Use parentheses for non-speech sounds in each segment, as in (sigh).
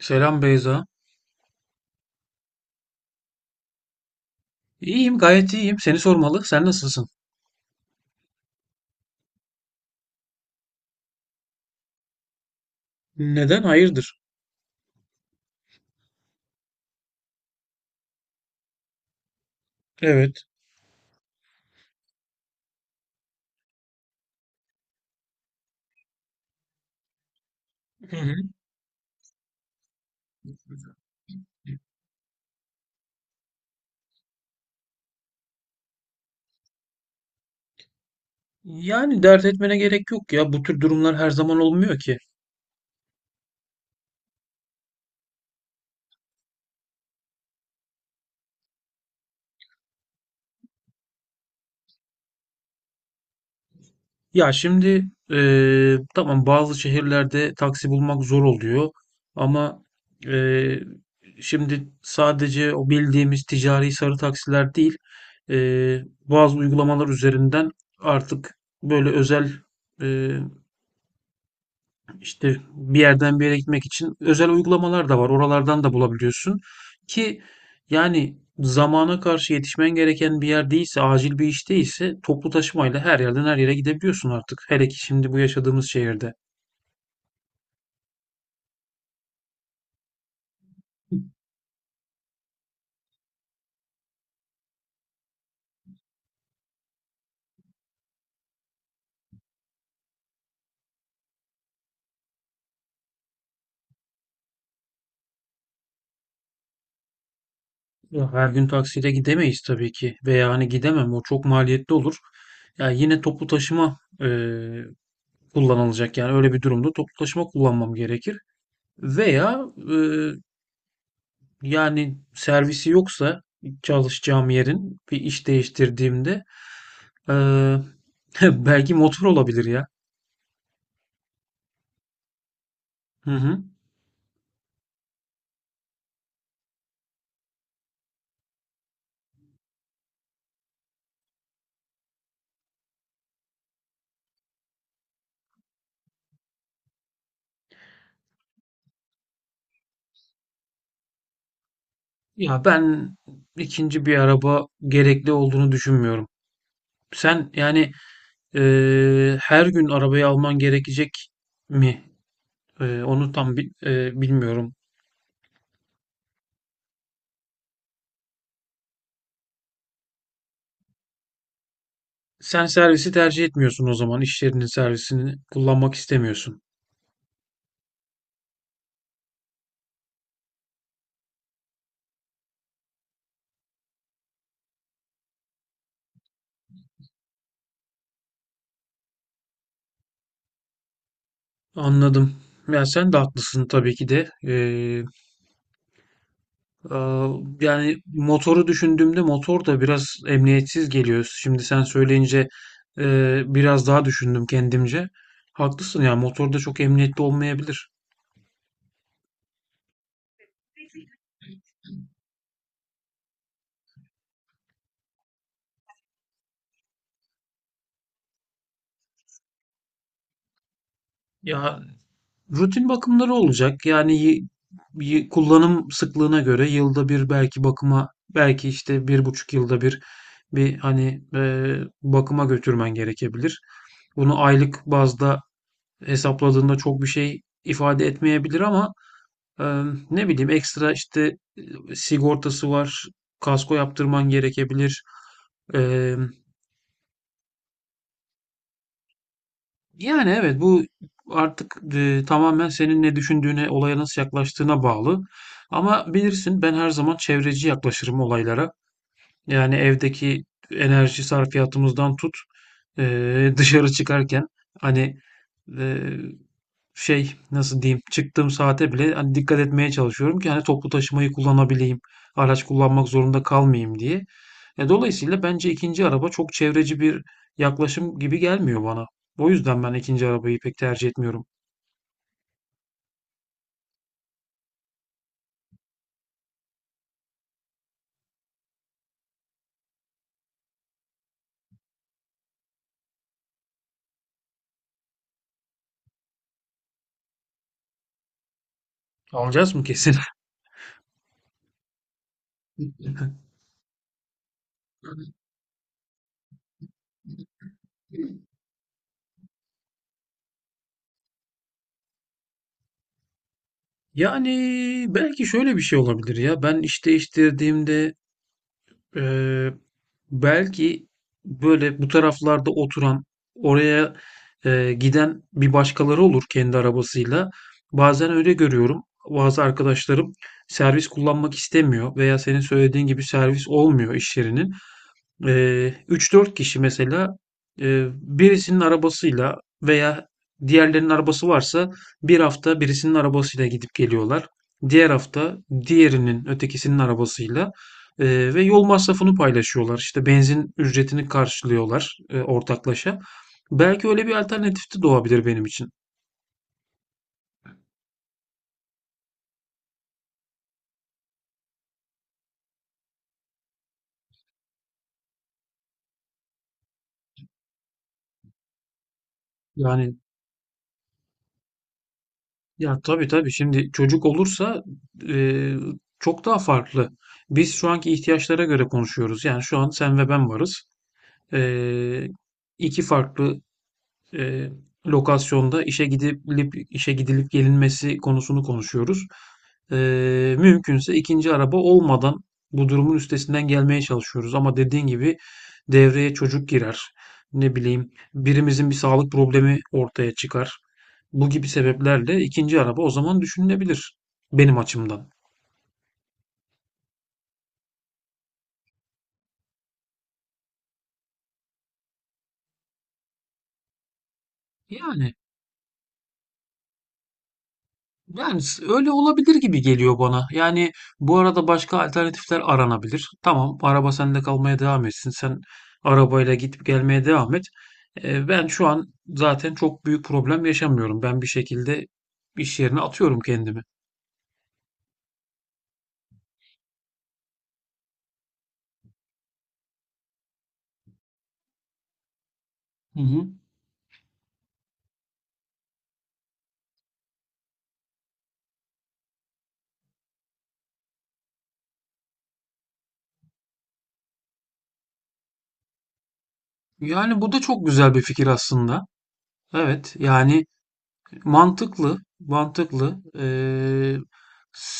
Selam Beyza. İyiyim, gayet iyiyim. Seni sormalı. Sen nasılsın? Neden? Hayırdır? Evet. Hı hı. Yani dert etmene gerek yok ya. Bu tür durumlar her zaman olmuyor ki. Ya şimdi tamam, bazı şehirlerde taksi bulmak zor oluyor. Ama eee, şimdi sadece o bildiğimiz ticari sarı taksiler değil, bazı uygulamalar üzerinden artık böyle özel, e, İşte bir yerden bir yere gitmek için özel uygulamalar da var. Oralardan da bulabiliyorsun ki yani zamana karşı yetişmen gereken bir yer değilse, acil bir iş değilse toplu taşımayla her yerden her yere gidebiliyorsun artık. Hele ki şimdi bu yaşadığımız şehirde. Ya her gün taksiyle gidemeyiz tabii ki, veya hani gidemem, o çok maliyetli olur. Ya yine toplu taşıma kullanılacak, yani öyle bir durumda toplu taşıma kullanmam gerekir. Veya e, yani servisi yoksa, çalışacağım yerin bir iş değiştirdiğimde, eee, (laughs) belki motor olabilir ya. Hı hı. Ya ben ikinci bir araba gerekli olduğunu düşünmüyorum. Sen yani her gün arabayı alman gerekecek mi? Onu tam bilmiyorum. Sen servisi tercih etmiyorsun o zaman. İş yerinin servisini kullanmak istemiyorsun. Anladım. Ya sen de haklısın tabii ki de. Ee, Yani motoru düşündüğümde motor da biraz emniyetsiz geliyor. Şimdi sen söyleyince biraz daha düşündüm kendimce. Haklısın ya, motor da çok emniyetli olmayabilir. Ya rutin bakımları olacak. Yani kullanım sıklığına göre yılda bir belki bakıma, belki işte 1,5 yılda bir hani bakıma götürmen gerekebilir. Bunu aylık bazda hesapladığında çok bir şey ifade etmeyebilir, ama Eee, ne bileyim, ekstra işte sigortası var. Kasko yaptırman gerekebilir. Eee, Yani evet, bu artık tamamen senin ne düşündüğüne, olaya nasıl yaklaştığına bağlı. Ama bilirsin, ben her zaman çevreci yaklaşırım olaylara. Yani evdeki enerji sarfiyatımızdan tut, dışarı çıkarken hani e, şey, nasıl diyeyim, çıktığım saate bile hani dikkat etmeye çalışıyorum ki hani toplu taşımayı kullanabileyim, araç kullanmak zorunda kalmayayım diye. Dolayısıyla bence ikinci araba çok çevreci bir yaklaşım gibi gelmiyor bana. O yüzden ben ikinci arabayı pek tercih etmiyorum. Alacağız mı kesin? (laughs) Yani belki şöyle bir şey olabilir ya. Ben iş değiştirdiğimde eee, belki böyle bu taraflarda oturan, oraya giden bir başkaları olur kendi arabasıyla. Bazen öyle görüyorum. Bazı arkadaşlarım servis kullanmak istemiyor, veya senin söylediğin gibi servis olmuyor iş yerinin. 3-4 kişi mesela birisinin arabasıyla, veya diğerlerinin arabası varsa bir hafta birisinin arabasıyla gidip geliyorlar. Diğer hafta diğerinin, ötekisinin arabasıyla ve yol masrafını paylaşıyorlar. İşte benzin ücretini karşılıyorlar ortaklaşa. Belki öyle bir alternatif de doğabilir benim için. Yani ya tabii tabii, şimdi çocuk olursa eee, çok daha farklı. Biz şu anki ihtiyaçlara göre konuşuyoruz. Yani şu an sen ve ben varız. Ee, iki farklı e, lokasyonda işe gidilip gelinmesi konusunu konuşuyoruz. Mümkünse ikinci araba olmadan bu durumun üstesinden gelmeye çalışıyoruz. Ama dediğin gibi devreye çocuk girer. Ne bileyim, birimizin bir sağlık problemi ortaya çıkar. Bu gibi sebeplerle ikinci araba o zaman düşünülebilir benim açımdan. Yani. Yani, öyle olabilir gibi geliyor bana. Yani bu arada başka alternatifler aranabilir. Tamam, araba sende kalmaya devam etsin. Sen arabayla gidip gelmeye devam et. Ben şu an zaten çok büyük problem yaşamıyorum. Ben bir şekilde iş yerine atıyorum kendimi. Hı hı. Yani bu da çok güzel bir fikir aslında. Evet, yani mantıklı, mantıklı. Ee,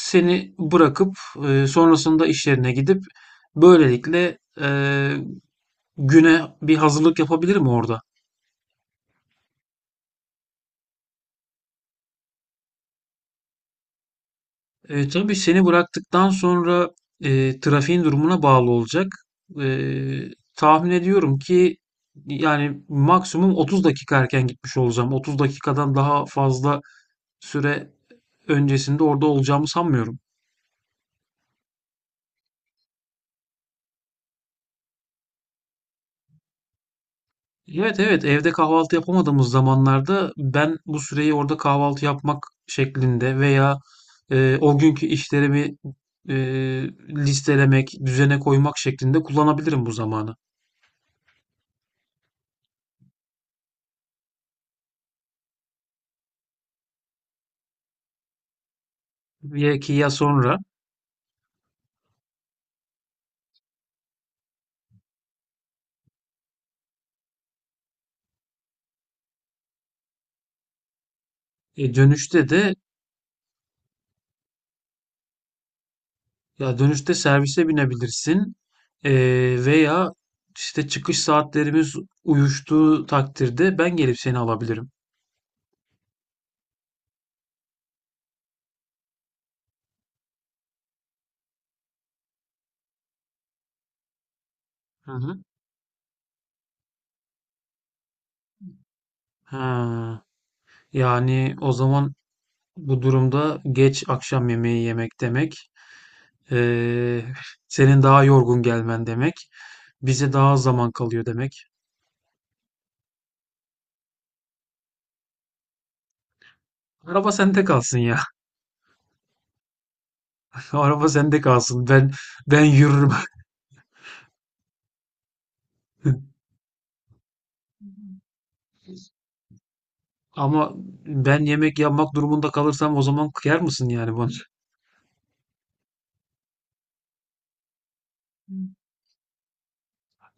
seni bırakıp sonrasında iş yerine gidip böylelikle güne bir hazırlık yapabilirim orada. Tabii seni bıraktıktan sonra trafiğin durumuna bağlı olacak. E, tahmin ediyorum ki yani maksimum 30 dakika erken gitmiş olacağım. 30 dakikadan daha fazla süre öncesinde orada olacağımı sanmıyorum. Evet, evet, evde kahvaltı yapamadığımız zamanlarda ben bu süreyi orada kahvaltı yapmak şeklinde veya o günkü işlerimi e, listelemek, düzene koymak şeklinde kullanabilirim bu zamanı. Ya ki ya sonra dönüşte de, ya dönüşte servise binebilirsin. E, veya işte çıkış saatlerimiz uyuştuğu takdirde ben gelip seni alabilirim. Hı hı. Ha, yani o zaman, bu durumda geç akşam yemeği yemek demek, eee, senin daha yorgun gelmen demek, bize daha az zaman kalıyor demek. Araba sende kalsın ya. (laughs) Araba sende kalsın. Ben yürürüm. (laughs) Ama ben yemek yapmak durumunda kalırsam, o zaman kıyar mısın yani bana? (laughs)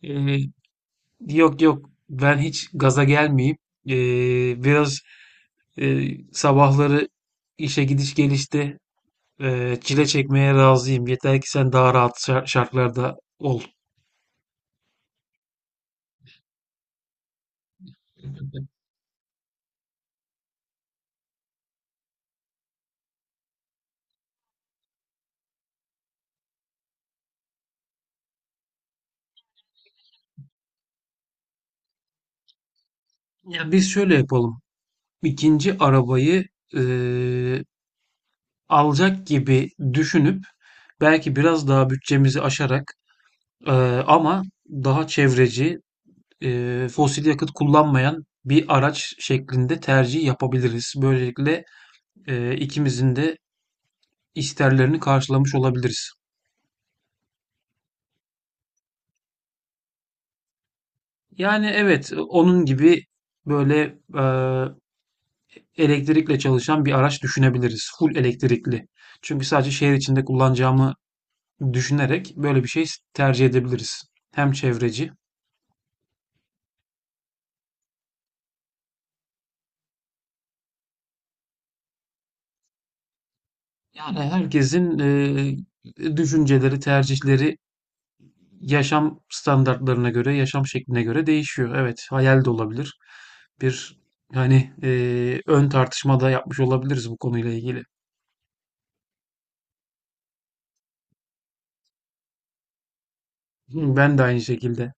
Eee, yok yok. Ben hiç gaza gelmeyeyim. Biraz sabahları işe gidiş gelişte çile çekmeye razıyım. Yeter ki sen daha rahat şartlarda ol. Ya biz şöyle yapalım. İkinci arabayı eee, alacak gibi düşünüp belki biraz daha bütçemizi aşarak, eee, ama daha çevreci, fosil yakıt kullanmayan bir araç şeklinde tercih yapabiliriz. Böylelikle ikimizin de isterlerini karşılamış olabiliriz. Yani evet, onun gibi böyle elektrikle çalışan bir araç düşünebiliriz. Full elektrikli. Çünkü sadece şehir içinde kullanacağımı düşünerek böyle bir şey tercih edebiliriz. Hem çevreci, yani herkesin düşünceleri, tercihleri yaşam standartlarına göre, yaşam şekline göre değişiyor. Evet, hayal de olabilir. Bir hani ön tartışma da yapmış olabiliriz bu konuyla ilgili. Ben de aynı şekilde.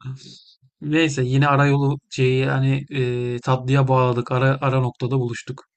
(laughs) Neyse yine arayolu şeyi, hani, tatlıya bağladık. Ara ara noktada buluştuk.